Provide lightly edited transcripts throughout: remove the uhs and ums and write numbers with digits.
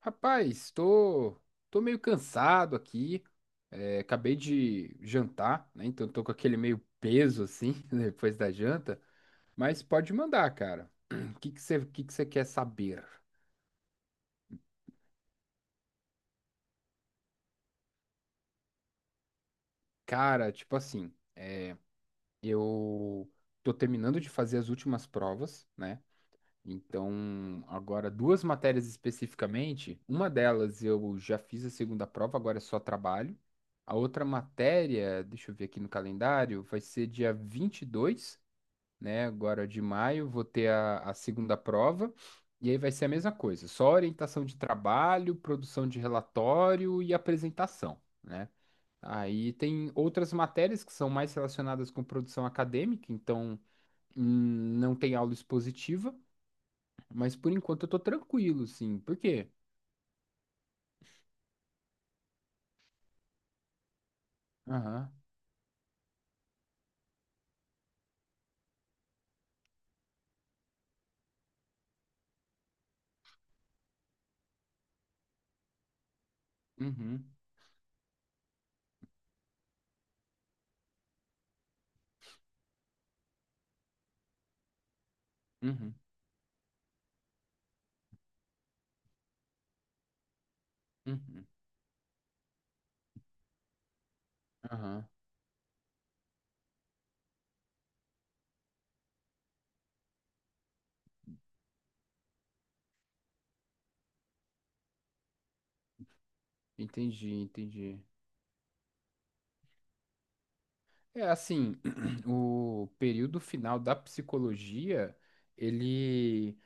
Rapaz, tô, tô meio cansado aqui. É, acabei de jantar, né? Então tô com aquele meio peso assim depois da janta. Mas pode mandar, cara. O que que você quer saber? Cara, tipo assim, eu tô terminando de fazer as últimas provas, né? Então, agora duas matérias especificamente. Uma delas eu já fiz a segunda prova, agora é só trabalho. A outra matéria, deixa eu ver aqui no calendário, vai ser dia 22. Né? agora de maio. Vou ter a segunda prova, e aí vai ser a mesma coisa, só orientação de trabalho, produção de relatório e apresentação, né? Aí tem outras matérias que são mais relacionadas com produção acadêmica, então não tem aula expositiva, mas por enquanto eu tô tranquilo, sim. Por quê? Aham. Uhum. Uhum. Uhum. Aham. Entendi, entendi. É assim, o período final da psicologia, ele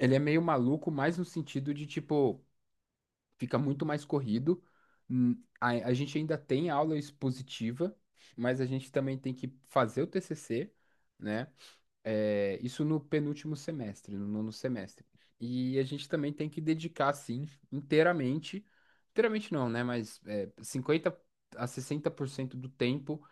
ele é meio maluco, mas no sentido de, tipo, fica muito mais corrido. A gente ainda tem aula expositiva, mas a gente também tem que fazer o TCC, né? É, isso no penúltimo semestre, no nono semestre. E a gente também tem que dedicar, sim, inteiramente, inteiramente não, né? Mas é, 50 a 60% do tempo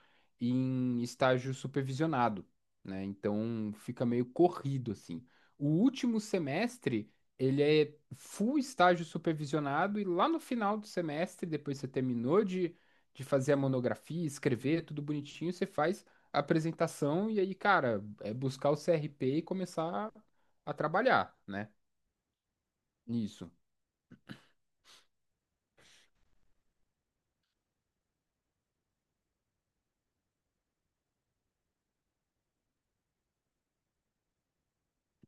em estágio supervisionado, né? Então fica meio corrido, assim. O último semestre, ele é full estágio supervisionado, e lá no final do semestre, depois você terminou de fazer a monografia, escrever, tudo bonitinho, você faz a apresentação e aí, cara, é buscar o CRP e começar a trabalhar, né? Nisso.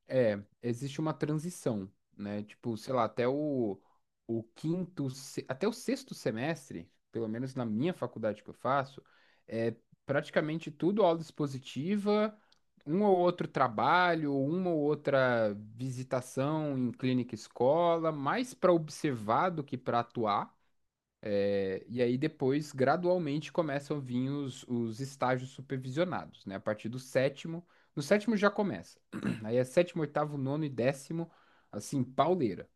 É, existe uma transição, né? Tipo, sei lá, até o quinto, até o sexto semestre, pelo menos na minha faculdade que eu faço, é praticamente tudo aula expositiva, um ou outro trabalho, uma ou outra visitação em clínica e escola, mais para observar do que para atuar. É, e aí depois, gradualmente, começam a vir os estágios supervisionados, né? A partir do sétimo, no sétimo já começa. Aí é sétimo, oitavo, nono e décimo, assim, pauleira.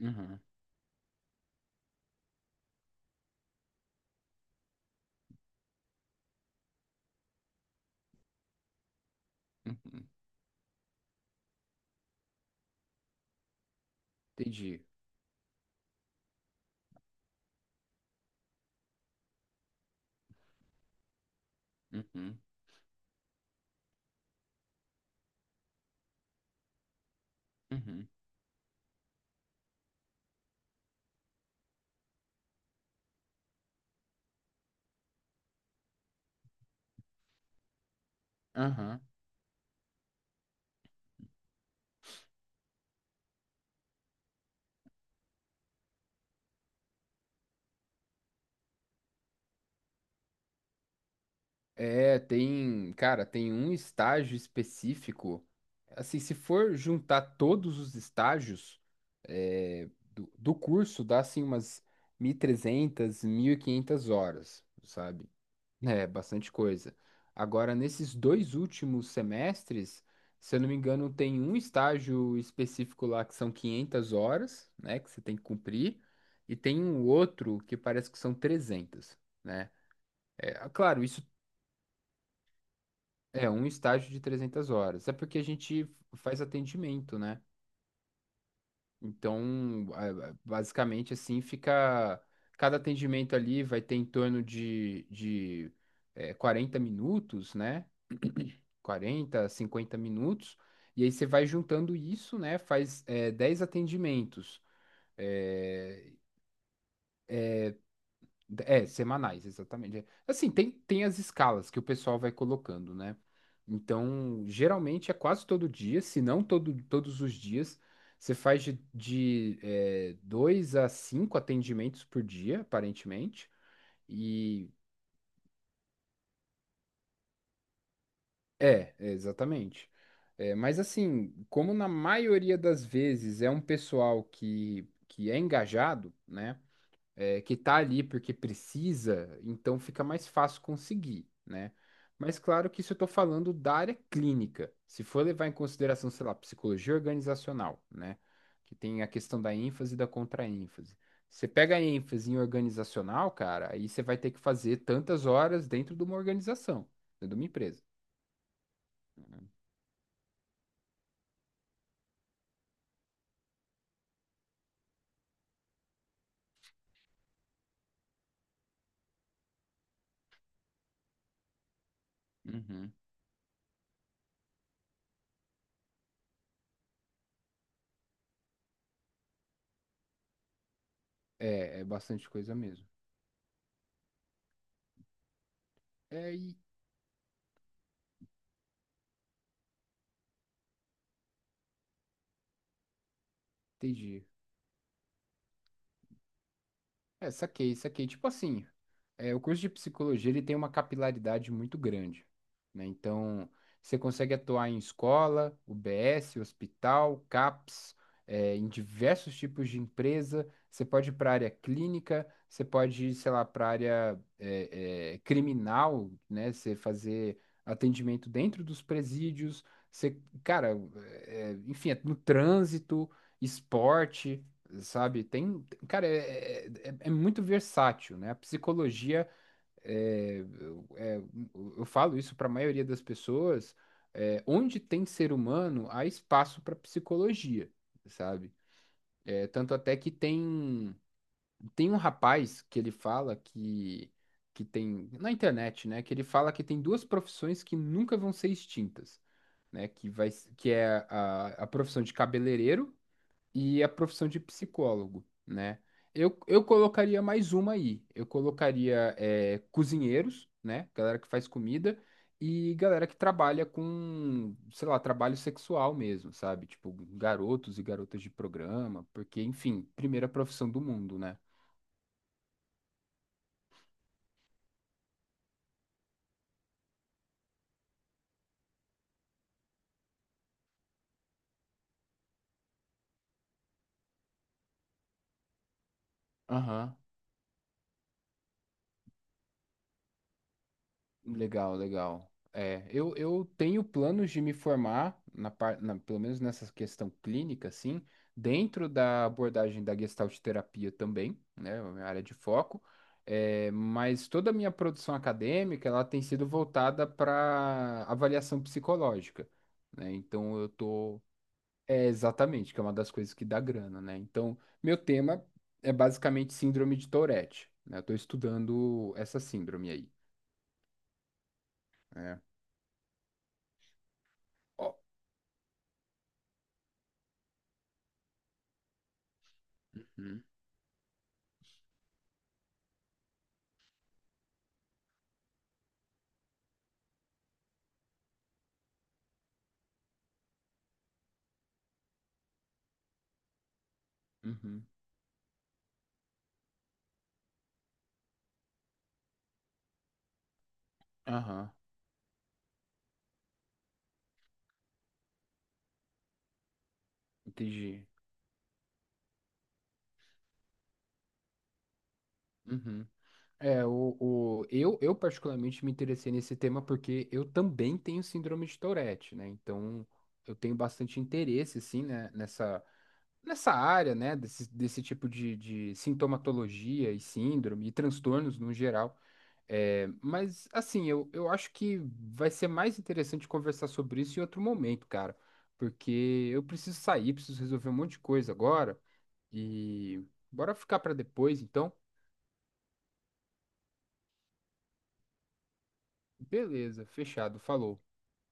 Uhum, uhum. Entendi. Uhum, uhum. Aham. É, tem, cara, tem um estágio específico. Assim, se for juntar todos os estágios do curso, dá assim umas mil, mil trezentas, mil e quinhentas horas, sabe? É, bastante coisa. Agora, nesses dois últimos semestres, se eu não me engano, tem um estágio específico lá que são 500 horas, né, que você tem que cumprir, e tem um outro que parece que são 300, né? É, ah, claro, isso é um estágio de 300 horas. É porque a gente faz atendimento, né? Então, basicamente assim, fica cada atendimento ali vai ter em torno de 40 minutos, né? Quarenta, 50 minutos, e aí você vai juntando isso, né? Faz 10 atendimentos. É, é, semanais, exatamente. É, assim, tem, tem as escalas que o pessoal vai colocando, né? Então, geralmente é quase todo dia, se não todo, todos os dias. Você faz de dois a cinco atendimentos por dia, aparentemente. E É, exatamente. É, mas assim, como na maioria das vezes é um pessoal que é engajado, né? É, que tá ali porque precisa, então fica mais fácil conseguir, né? Mas claro que isso eu tô falando da área clínica. Se for levar em consideração, sei lá, psicologia organizacional, né? Que tem a questão da ênfase e da contraênfase. Você pega a ênfase em organizacional, cara, aí você vai ter que fazer tantas horas dentro de uma organização, dentro de uma empresa. É, é bastante coisa mesmo. É, e entendi. É, saquei, saquei. Tipo assim, é, o curso de psicologia ele tem uma capilaridade muito grande, né? Então, você consegue atuar em escola, UBS, hospital, CAPS, é, em diversos tipos de empresa. Você pode ir para a área clínica, você pode ir, sei lá, para a área criminal, né? Você fazer atendimento dentro dos presídios. Você, cara, enfim, é no trânsito, esporte, sabe? Tem, cara, é muito versátil, né? A psicologia, eu eu falo isso para a maioria das pessoas, é, onde tem ser humano, há espaço para psicologia, sabe? É, tanto até que tem, tem um rapaz que ele fala que tem, na internet, né? Que ele fala que tem duas profissões que nunca vão ser extintas. Né, que vai, que é a profissão de cabeleireiro e a profissão de psicólogo, né? Eu colocaria mais uma aí. Eu colocaria cozinheiros, né? Galera que faz comida e galera que trabalha com, sei lá, trabalho sexual mesmo, sabe? Tipo, garotos e garotas de programa, porque, enfim, primeira profissão do mundo, né? Aham. Legal, legal. É, eu tenho planos de me formar, pelo menos nessa questão clínica, assim, dentro da abordagem da Gestalt terapia também, né, é a minha área de foco, é, mas toda a minha produção acadêmica, ela tem sido voltada para avaliação psicológica, né, então eu tô... É, exatamente, que é uma das coisas que dá grana, né, então meu tema é basicamente síndrome de Tourette, né, eu tô estudando essa síndrome aí, né. Ó, uhum. Aham, entendi. Uhum. É, eu particularmente me interessei nesse tema porque eu também tenho síndrome de Tourette, né? Então, eu tenho bastante interesse, sim, né? Nessa, nessa área, né? Desse, desse tipo de sintomatologia e síndrome e transtornos no geral. É, mas assim, eu acho que vai ser mais interessante conversar sobre isso em outro momento, cara. Porque eu preciso sair, preciso resolver um monte de coisa agora. E bora ficar pra depois, então? Beleza, fechado, falou.